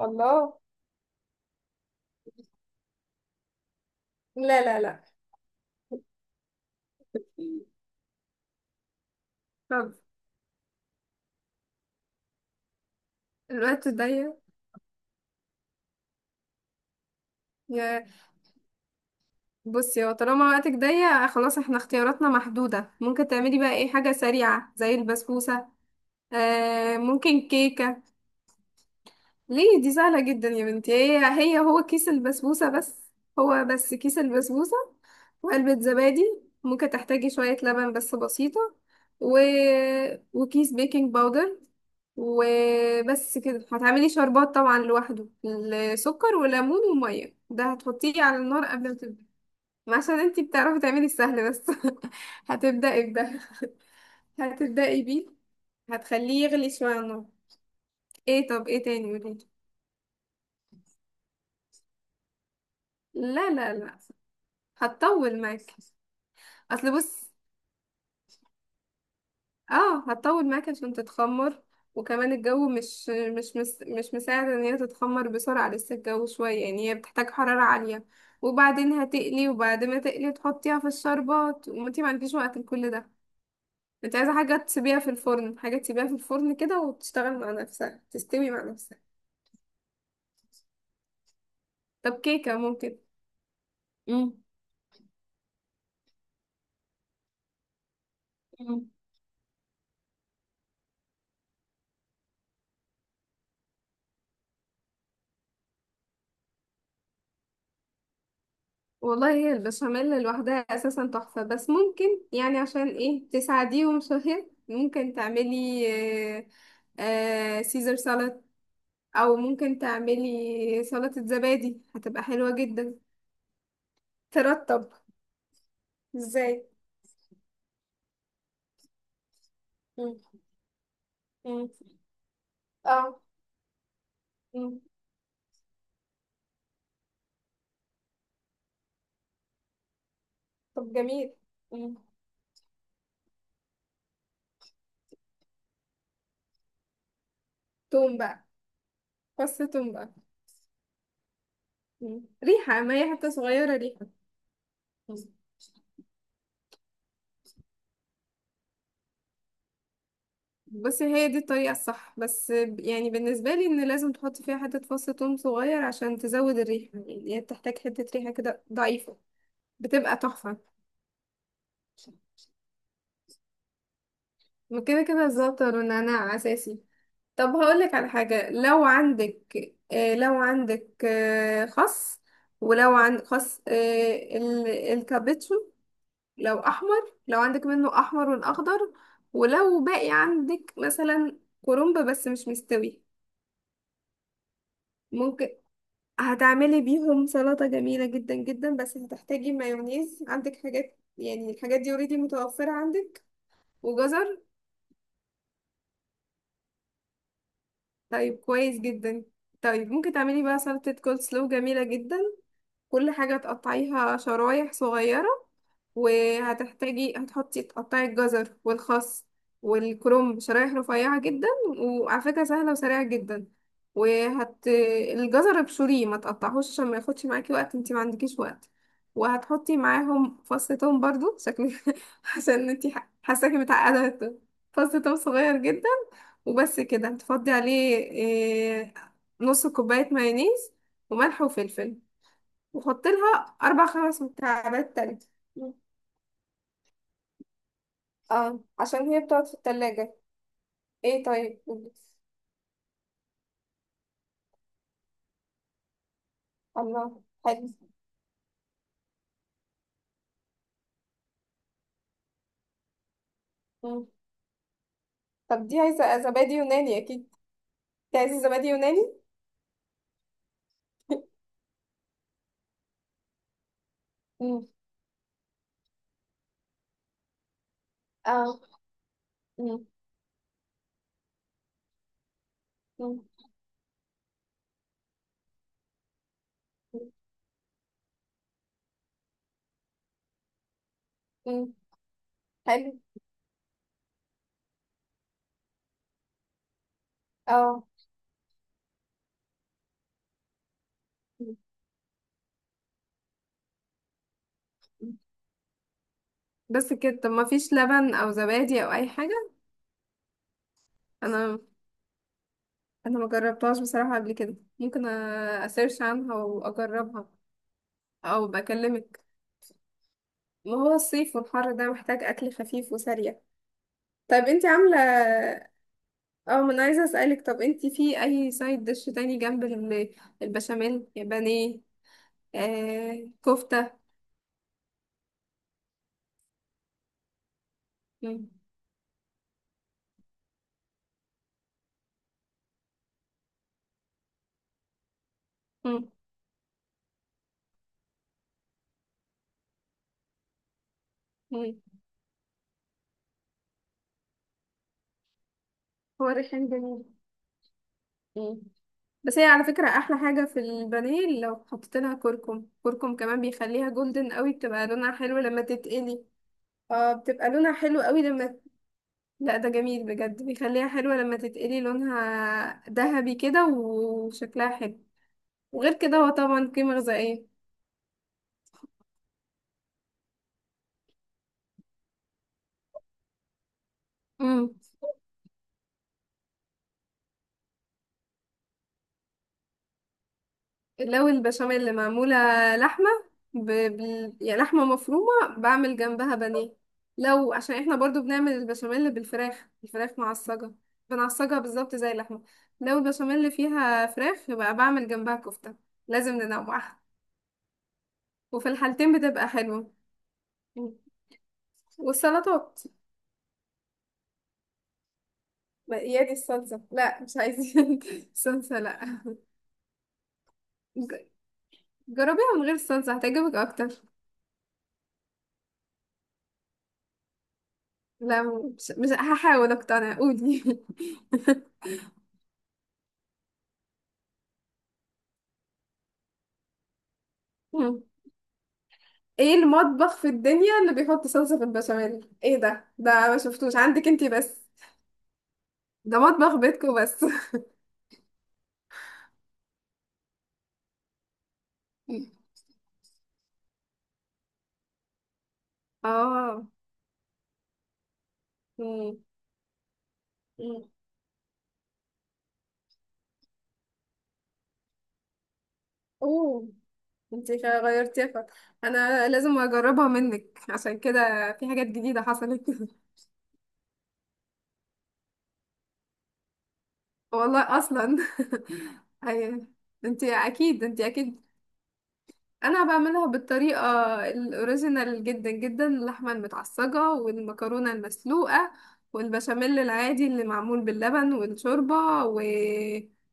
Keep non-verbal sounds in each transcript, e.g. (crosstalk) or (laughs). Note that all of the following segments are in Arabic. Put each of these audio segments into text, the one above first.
الله. لا لا لا. طب الوقت ضيق. يا بصي، هو طالما وقتك ضيق خلاص احنا اختياراتنا محدودة. ممكن تعملي بقى ايه حاجة سريعة زي البسبوسة. آه، ممكن كيكة. ليه؟ دي سهلة جدا يا بنتي، هي هو كيس البسبوسة بس. هو بس كيس البسبوسة وعلبة زبادي. ممكن تحتاجي شوية لبن بس بسيطة. و... وكيس بيكنج باودر وبس كده. هتعملي شربات طبعا لوحده، السكر وليمون ومية، ده هتحطيه على النار قبل ما تبدأي. ما عشان انتي بتعرفي تعملي السهل بس. (laughs) هتبدأي بده، هتبدأي بيه، هتخليه يغلي شوية على النار. ايه؟ طب ايه تاني؟ قوليلي. لا لا لا، هتطول معاك. اصل بص، اه هتطول معاك عشان تتخمر. وكمان الجو مش مساعد ان هي تتخمر بسرعة، لسه الجو شوية يعني، هي بتحتاج حرارة عالية. وبعدين هتقلي، وبعد ما تقلي تحطيها في الشربات، وانتي ما عندكيش وقت لكل ده. انت عايزة حاجة تسيبيها في الفرن، حاجة تسيبيها في الفرن كده وتشتغل مع نفسها، تستوي مع نفسها. طب كيكة ممكن. مم. والله هي البشاميل لوحدها اساسا تحفة، بس ممكن يعني عشان ايه تساعديهم شوية ممكن تعملي آه، آه، سيزر سالاد. او ممكن تعملي سلطة زبادي، هتبقى حلوة جدا. ترطب. ازاي؟ مم. مم. اه. مم. طب جميل. مم. توم بقى. فص توم بقى. مم. ريحة، ما هي حتة صغيرة ريحة. بس هي دي الطريقة الصح بس، يعني بالنسبة لي ان لازم تحط فيها حتة فص ثوم صغير عشان تزود الريحة، يعني هي بتحتاج حتة ريحة كده ضعيفة، بتبقى تحفة. ما كده كده الزعتر والنعناع اساسي. طب هقولك على حاجة لو عندك آه. لو عندك آه خس، ولو عندك خس آه الكابتشو، لو احمر، لو عندك منه احمر والاخضر، ولو باقي عندك مثلا كرنب بس مش مستوي، ممكن هتعملي بيهم سلطة جميلة جدا جدا. بس هتحتاجي مايونيز. عندك حاجات يعني، الحاجات دي اوريدي متوفرة عندك؟ وجزر؟ طيب كويس جدا. طيب ممكن تعملي بقى سلطة كول سلو جميلة جدا. كل حاجة تقطعيها شرايح صغيرة. وهتحتاجي، هتحطي، تقطعي الجزر والخس والكرنب شرايح رفيعة جدا. وعلى فكرة سهلة وسريعة جدا. وهت، الجزر ابشريه ما تقطعهوش عشان ما ياخدش معاكي وقت، انتي ما عندكيش وقت. وهتحطي معاهم فص توم برضو شكلك. (laughs) عشان انتي حاساكي متعقدة. فص توم صغير جدا. وبس كده. هتفضي عليه إيه، نص كوباية مايونيز وملح وفلفل. وحط لها اربع خمس مكعبات تلج. مم. اه عشان هي بتقعد في التلاجة. ايه؟ طيب. مم. الله، حلو. مم. طب دي عايزة زبادي يوناني اكيد، دي عايزة زبادي يوناني. مم. اه. مم. مم. مم. حلو. اه. مم. مم. بس كده؟ طب ما فيش لبن او زبادي او اي حاجة؟ انا انا ما جربتهاش بصراحة قبل كده. ممكن اسيرش عنها واجربها. او بكلمك. ما هو الصيف والحر ده محتاج اكل خفيف وسريع. طيب انتي عاملة، اه ما انا عايزة اسألك، طب انتي في اي سايد ديش تاني جنب البشاميل؟ بانيه؟ آه، كفتة. مم. مم. مم. هو ريحان جميل. مم. بس هي على فكرة احلى حاجة في البانيه لو حطيت لها كركم، كركم كمان بيخليها جولدن قوي، بتبقى لونها حلو لما تتقلي. اه بتبقى لونها حلو قوي لما، لا ده جميل بجد، بيخليها حلوة لما تتقلي لونها ذهبي كده وشكلها حلو. وغير كده هو طبعا قيمة غذائية. مم. لو البشاميل اللي معمولة لحمة يعني لحمة مفرومة بعمل جنبها بانيه. لو عشان احنا برضو بنعمل البشاميل بالفراخ، الفراخ معصجة، بنعصجها بالظبط زي اللحمة، لو البشاميل اللي فيها فراخ يبقى بعمل جنبها كفتة. لازم ننوعها. وفي الحالتين بتبقى حلوة. والسلطات. يا دي الصلصة، لا مش عايزين (laughs) صلصة، لا. ج- جربيها من غير الصلصة، هتعجبك أكتر. لا مش هحاول أقتنع، قولي. (laughs) ايه المطبخ في الدنيا اللي بيحط صلصة في البشاميل؟ ايه ده؟ ده ما شفتوش عندك انتي بس. ده مطبخ بيتكو بس. (laughs) اه. مم. مم. اوه، انتي غيرتيها فا. انا لازم اجربها منك عشان كده، في حاجات جديدة حصلت. (laughs) والله اصلا. (laughs) ايوه انتي اكيد، انتي اكيد. انا بعملها بالطريقه الاوريجينال جدا جدا، اللحمه المتعصجه والمكرونه المسلوقه والبشاميل العادي اللي معمول باللبن والشوربه و...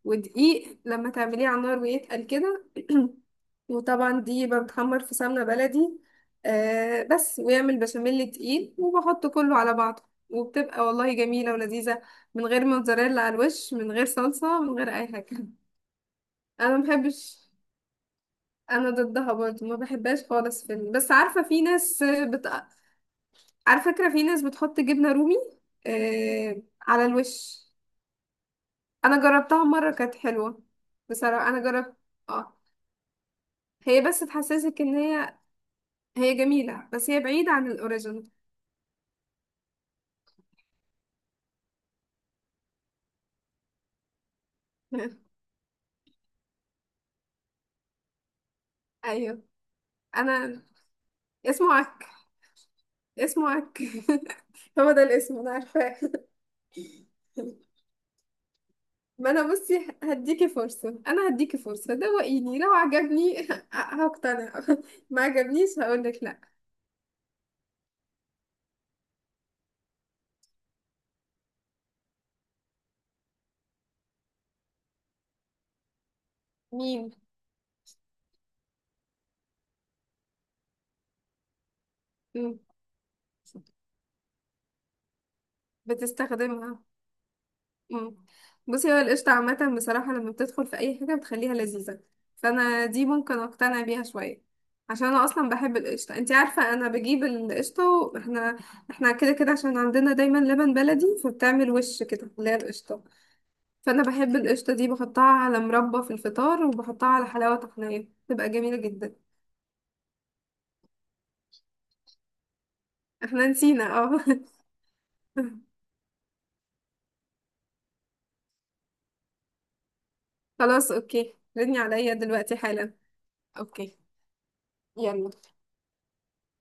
ودقيق لما تعمليه على النار ويتقل كده. (clears throat) وطبعا دي بتحمر في سمنه بلدي آه، بس ويعمل بشاميل تقيل وبحط كله على بعضه، وبتبقى والله جميله ولذيذه، من غير موتزاريلا على الوش، من غير صلصه، من غير اي حاجه. (laughs) انا محبش، انا ضدها برضه، ما بحبهاش خالص. في بس عارفه في ناس بت... على فكره في ناس بتحط جبنه رومي آه... على الوش. انا جربتها مره كانت حلوه. بصراحه انا جربت، اه. هي بس تحسسك ان هي، هي جميله بس هي بعيده عن الاوريجينال. (laughs) ايوه. انا اسمه عك، اسمه عك. (laughs) هو ده الاسم انا عارفاه. (laughs) ما انا بصي هديكي فرصه، انا هديكي فرصه، دوقيني لو عجبني (laughs) هقتنع، ما عجبنيش هقولك لا. ميم. مم. بتستخدمها. مم. بصي هو القشطة عامة بصراحة لما بتدخل في أي حاجة بتخليها لذيذة، فأنا دي ممكن أقتنع بيها شوية، عشان أنا أصلا بحب القشطة. انتي عارفة أنا بجيب القشطة، واحنا كده كده عشان عندنا دايما لبن بلدي فبتعمل وش كده اللي هي القشطة. فأنا بحب القشطة دي، بحطها على مربى في الفطار وبحطها على حلاوة طحينية، بتبقى جميلة جدا. احنا نسينا، اه. (laughs) خلاص اوكي، ردني عليا دلوقتي حالا. اوكي، يلا.